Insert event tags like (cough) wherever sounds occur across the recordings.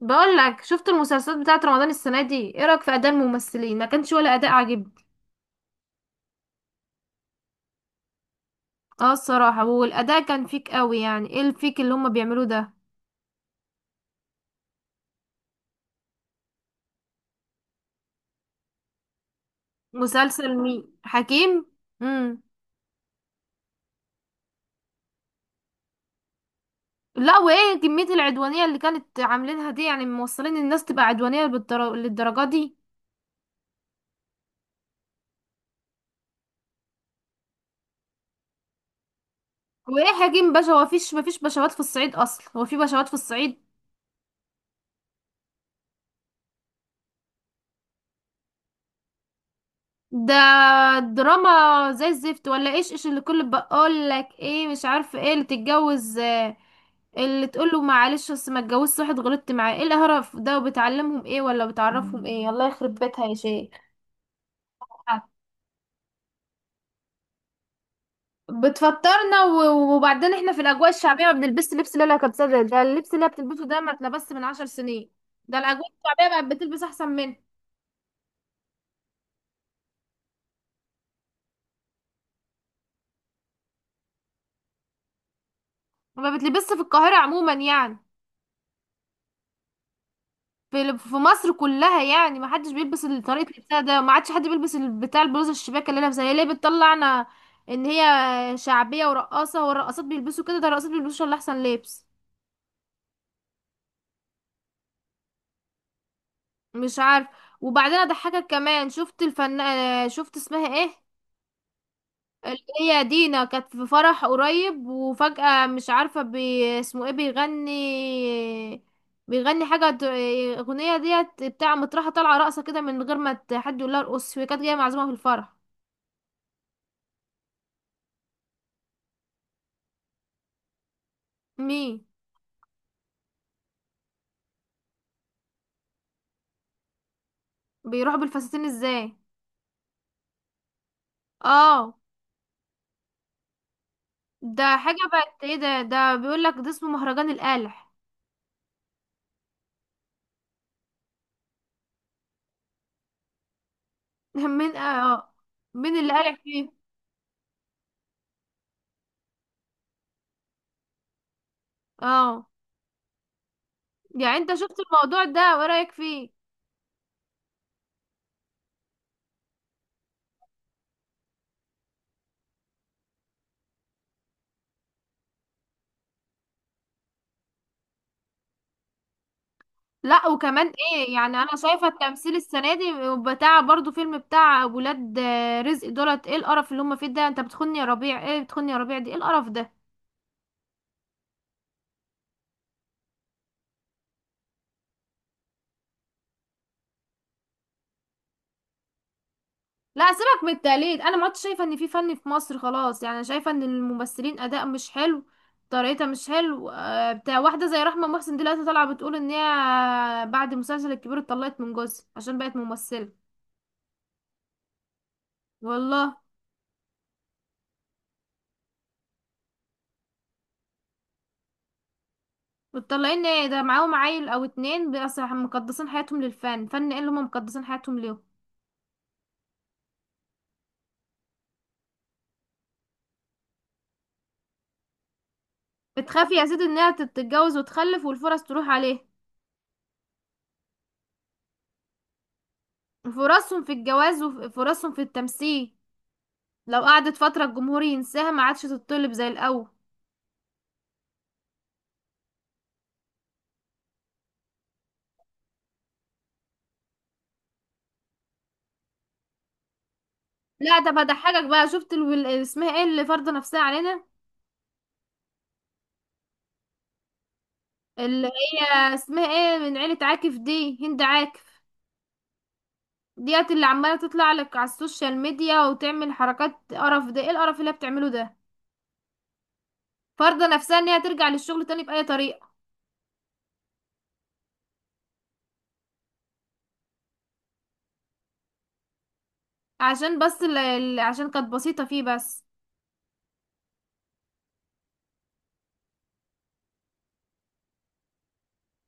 بقول لك، شفت المسلسلات بتاعت رمضان السنه دي؟ ايه رايك في اداء الممثلين؟ ما كانش ولا اداء عاجبني. اه، الصراحه والاداء كان فيك قوي، يعني ايه الفيك اللي هما بيعملوه ده؟ مسلسل مين؟ حكيم. امم. لا، وايه كميه العدوانيه اللي كانت عاملينها دي؟ يعني موصلين الناس تبقى عدوانيه للدرجه دي. وايه حكيم باشا، هو مفيش بشوات في الصعيد اصلا؟ هو في بشوات في الصعيد؟ ده دراما زي الزفت. ولا ايش اللي كل بقول لك ايه، مش عارفه ايه اللي تتجوز اللي تقول له معلش بس ما اتجوزت واحد غلطت معاه. ايه القرف ده؟ وبتعلمهم ايه ولا بتعرفهم ايه؟ الله يخرب بيتها يا شيخ. بتفطرنا وبعدين احنا في الاجواء الشعبيه ما بنلبسش لبس. لا لا، كبسه ده اللبس اللي هي بتلبسه ده، ما اتلبس من 10 سنين. ده الاجواء الشعبيه بقت بتلبس احسن منه. وما بتلبسش في القاهره عموما يعني، في مصر كلها يعني. ما حدش بيلبس طريقة لبسها ده. ما عادش حد بيلبس بتاع البلوزة الشباك اللي لابسها، هي ليه بتطلعنا ان هي شعبية ورقاصة؟ والرقاصات بيلبسوا كده، ده الرقاصات بيلبسوا اللي احسن لبس. مش عارف. وبعدين اضحكك كمان، شفت الفن؟ شفت اسمها ايه، اللي هي دينا، كانت في فرح قريب، وفجأة مش عارفة اسمه ايه بيغني. بيغني حاجة اغنية ديت، بتاع مطرحة طالعة رقصة كده من غير ما حد يقول لها ارقص، هي كانت جاية معزومة في الفرح. مين بيروح بالفساتين ازاي؟ اه. ده حاجة بقت ايه ده بيقولك ده اسمه مهرجان القالح. (laughs) مين؟ اه. مين اللي قالح فيه؟ اه، يعني انت شفت الموضوع ده وايه رأيك فيه؟ لا، وكمان ايه؟ يعني انا شايفة التمثيل السنة دي بتاع برضو فيلم بتاع ولاد رزق دولت. ايه القرف اللي هم فيه ده؟ انت بتخوني يا ربيع، ايه بتخوني يا ربيع؟ دي ايه القرف ده؟ لا سيبك من التقليد، انا ما عدتش شايفه ان في فن في مصر خلاص. يعني انا شايفه ان الممثلين اداء مش حلو، طريقتها مش حلو. بتاع واحده زي رحمه محسن دلوقتي طالعه بتقول ان هي بعد مسلسل الكبير اتطلقت من جوزها عشان بقت ممثله. والله؟ متطلقين ايه ده، معاهم عيل او اتنين؟ بس مقدسين حياتهم للفن. فن ايه اللي هم مقدسين حياتهم ليه؟ بتخاف يا سيدي انها تتجوز وتخلف والفرص تروح عليه. فرصهم في الجواز وفرصهم في التمثيل، لو قعدت فترة الجمهور ينساها، ما عادش تتطلب زي الأول. لا، طب هضحكك بقى. شفت اسمها ايه، اللي فارضه نفسها علينا؟ اللي هي اسمها ايه، من عيلة عاكف دي، هند عاكف. ديت اللي عمالة تطلع لك على السوشيال ميديا وتعمل حركات قرف. ده ايه القرف اللي هي بتعمله ده؟ فارضه نفسها ان هي ترجع للشغل تاني بأي طريقة. عشان بس عشان كانت بسيطة فيه بس.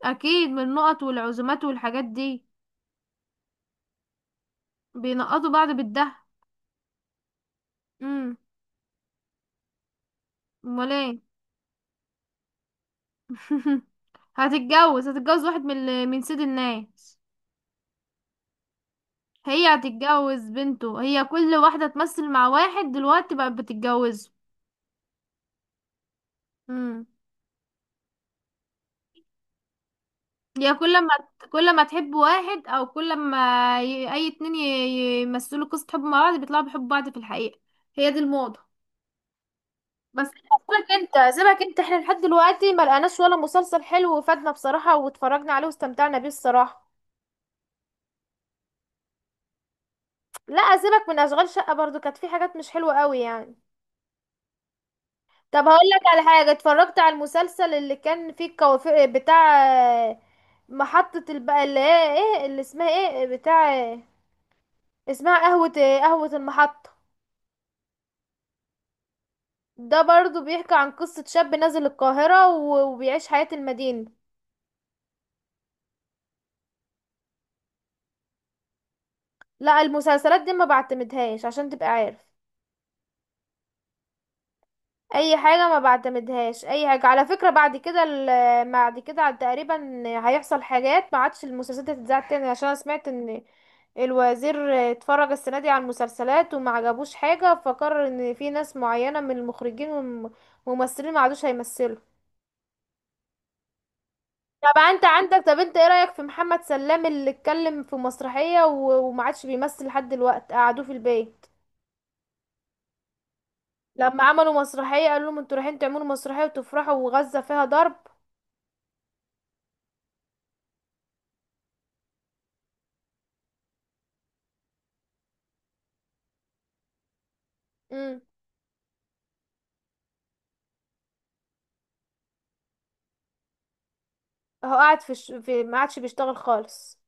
اكيد من النقط والعزومات والحاجات دي، بينقطوا بعض بالده. امم. امال ايه؟ (laughs) هتتجوز، هتتجوز واحد من من سيد الناس. هي هتتجوز بنته. هي كل واحدة تمثل مع واحد دلوقتي بقت بتتجوزه. امم. هي كل ما تحب واحد، او كل ما اي اتنين يمثلوا قصة حب مع بعض، بيطلعوا بيحبوا بعض في الحقيقة. هي دي الموضة. بس سيبك انت، سيبك انت، احنا لحد دلوقتي ما لقناش ولا مسلسل حلو وفادنا بصراحة واتفرجنا عليه واستمتعنا بيه الصراحة. لا سيبك من اشغال شقة، برضو كانت في حاجات مش حلوة قوي يعني. طب هقول لك على حاجة، اتفرجت على المسلسل اللي كان فيه الكوافير بتاع آه، محطة البقى، اللي هي ايه اللي اسمها ايه، بتاع اسمها قهوة، قهوة المحطة؟ ده برضو بيحكي عن قصة شاب نازل القاهرة وبيعيش حياة المدينة. لا، المسلسلات دي ما بعتمدهاش عشان تبقى عارف، اي حاجه ما بعتمدهاش اي حاجه. على فكره بعد كده بعد كده عاد تقريبا هيحصل حاجات، ما عادش المسلسلات دي هتتذاع تاني. عشان انا سمعت ان الوزير اتفرج السنه دي على المسلسلات وما عجبوش حاجه، فقرر ان في ناس معينه من المخرجين والممثلين ما عادوش هيمثلوا. طب انت عندك، طب انت ايه رايك في محمد سلام اللي اتكلم في مسرحيه وما عادش بيمثل لحد دلوقتي، قعدوه في البيت؟ لما عملوا مسرحيه قالوا لهم انتوا رايحين تعملوا مسرحيه وتفرحوا، وغزه فيها ضرب. هو قاعد في، في، ما عادش بيشتغل خالص.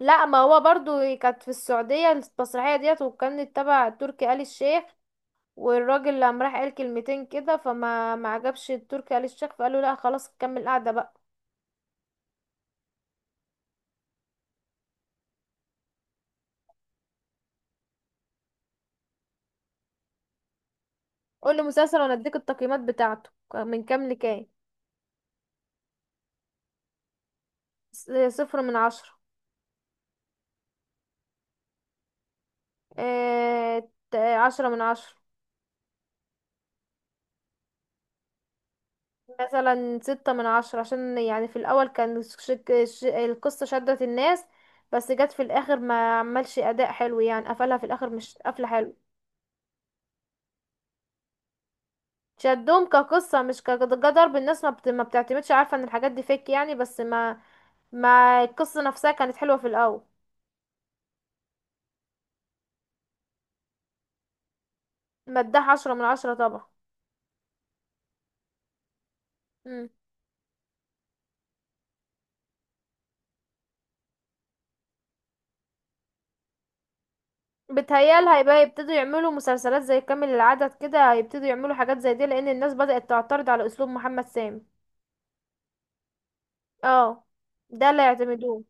لا، ما هو برضو كانت في السعودية المسرحية ديت، وكانت تبع تركي آل الشيخ، والراجل لما راح قال كلمتين كده، فما ما عجبش تركي آل الشيخ، فقال له لا خلاص كمل قاعدة بقى. قول لي مسلسل وانا اديك التقييمات بتاعته من كام لكام. س- 0 من 10. 10 من 10. مثلا 6 من 10، عشان يعني في الأول كان القصة شدت الناس، بس جت في الآخر ما عملش أداء حلو، يعني قفلها في الآخر مش قفلة حلو. شدهم كقصة مش كضرب الناس، ما بتعتمدش، عارفة ان الحاجات دي فيك يعني. بس ما القصة نفسها كانت حلوة في الأول. مداها 10 من 10 طبعا. مم. بتهيال هيبقى يبتدوا يعملوا مسلسلات زي كامل العدد كده، هيبتدوا يعملوا حاجات زي دي، لأن الناس بدأت تعترض على أسلوب محمد سامي. اه، ده اللي يعتمدوه.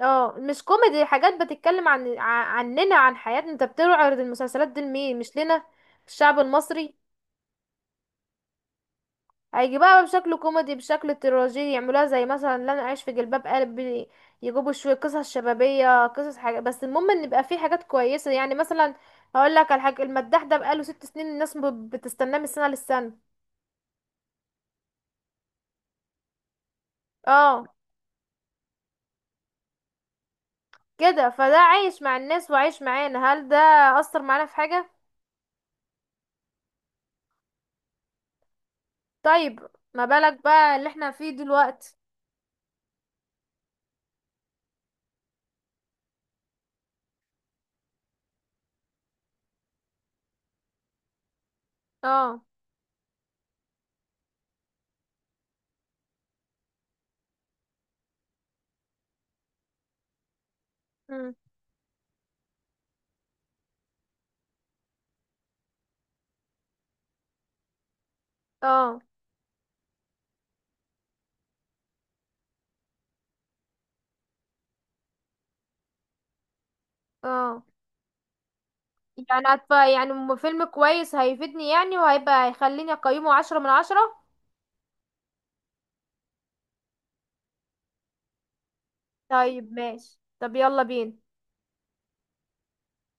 اه مش كوميدي، حاجات بتتكلم عننا، عن حياتنا. انت بتعرض المسلسلات دي لمين؟ مش لنا، الشعب المصري. هيجي بقى بشكل كوميدي بشكل تراجيدي، يعملوها زي مثلا لا انا عايش في جلباب قلبي، يجيبوا شويه قصص شبابيه، قصص حاجه، بس المهم ان يبقى في حاجات كويسه. يعني مثلا هقول لك على حاجه، المداح ده بقاله 6 سنين الناس بتستناه من سنه للسنه. اه كده، فده عايش مع الناس وعايش معانا. هل ده اثر معانا في حاجه؟ طيب، ما بالك بقى اللي احنا فيه دلوقتي. اه. اه. اه، يعني يعني فيلم كويس هيفيدني يعني، وهيبقى هيخليني اقيمه 10 من 10. طيب ماشي، طب يلا بينا.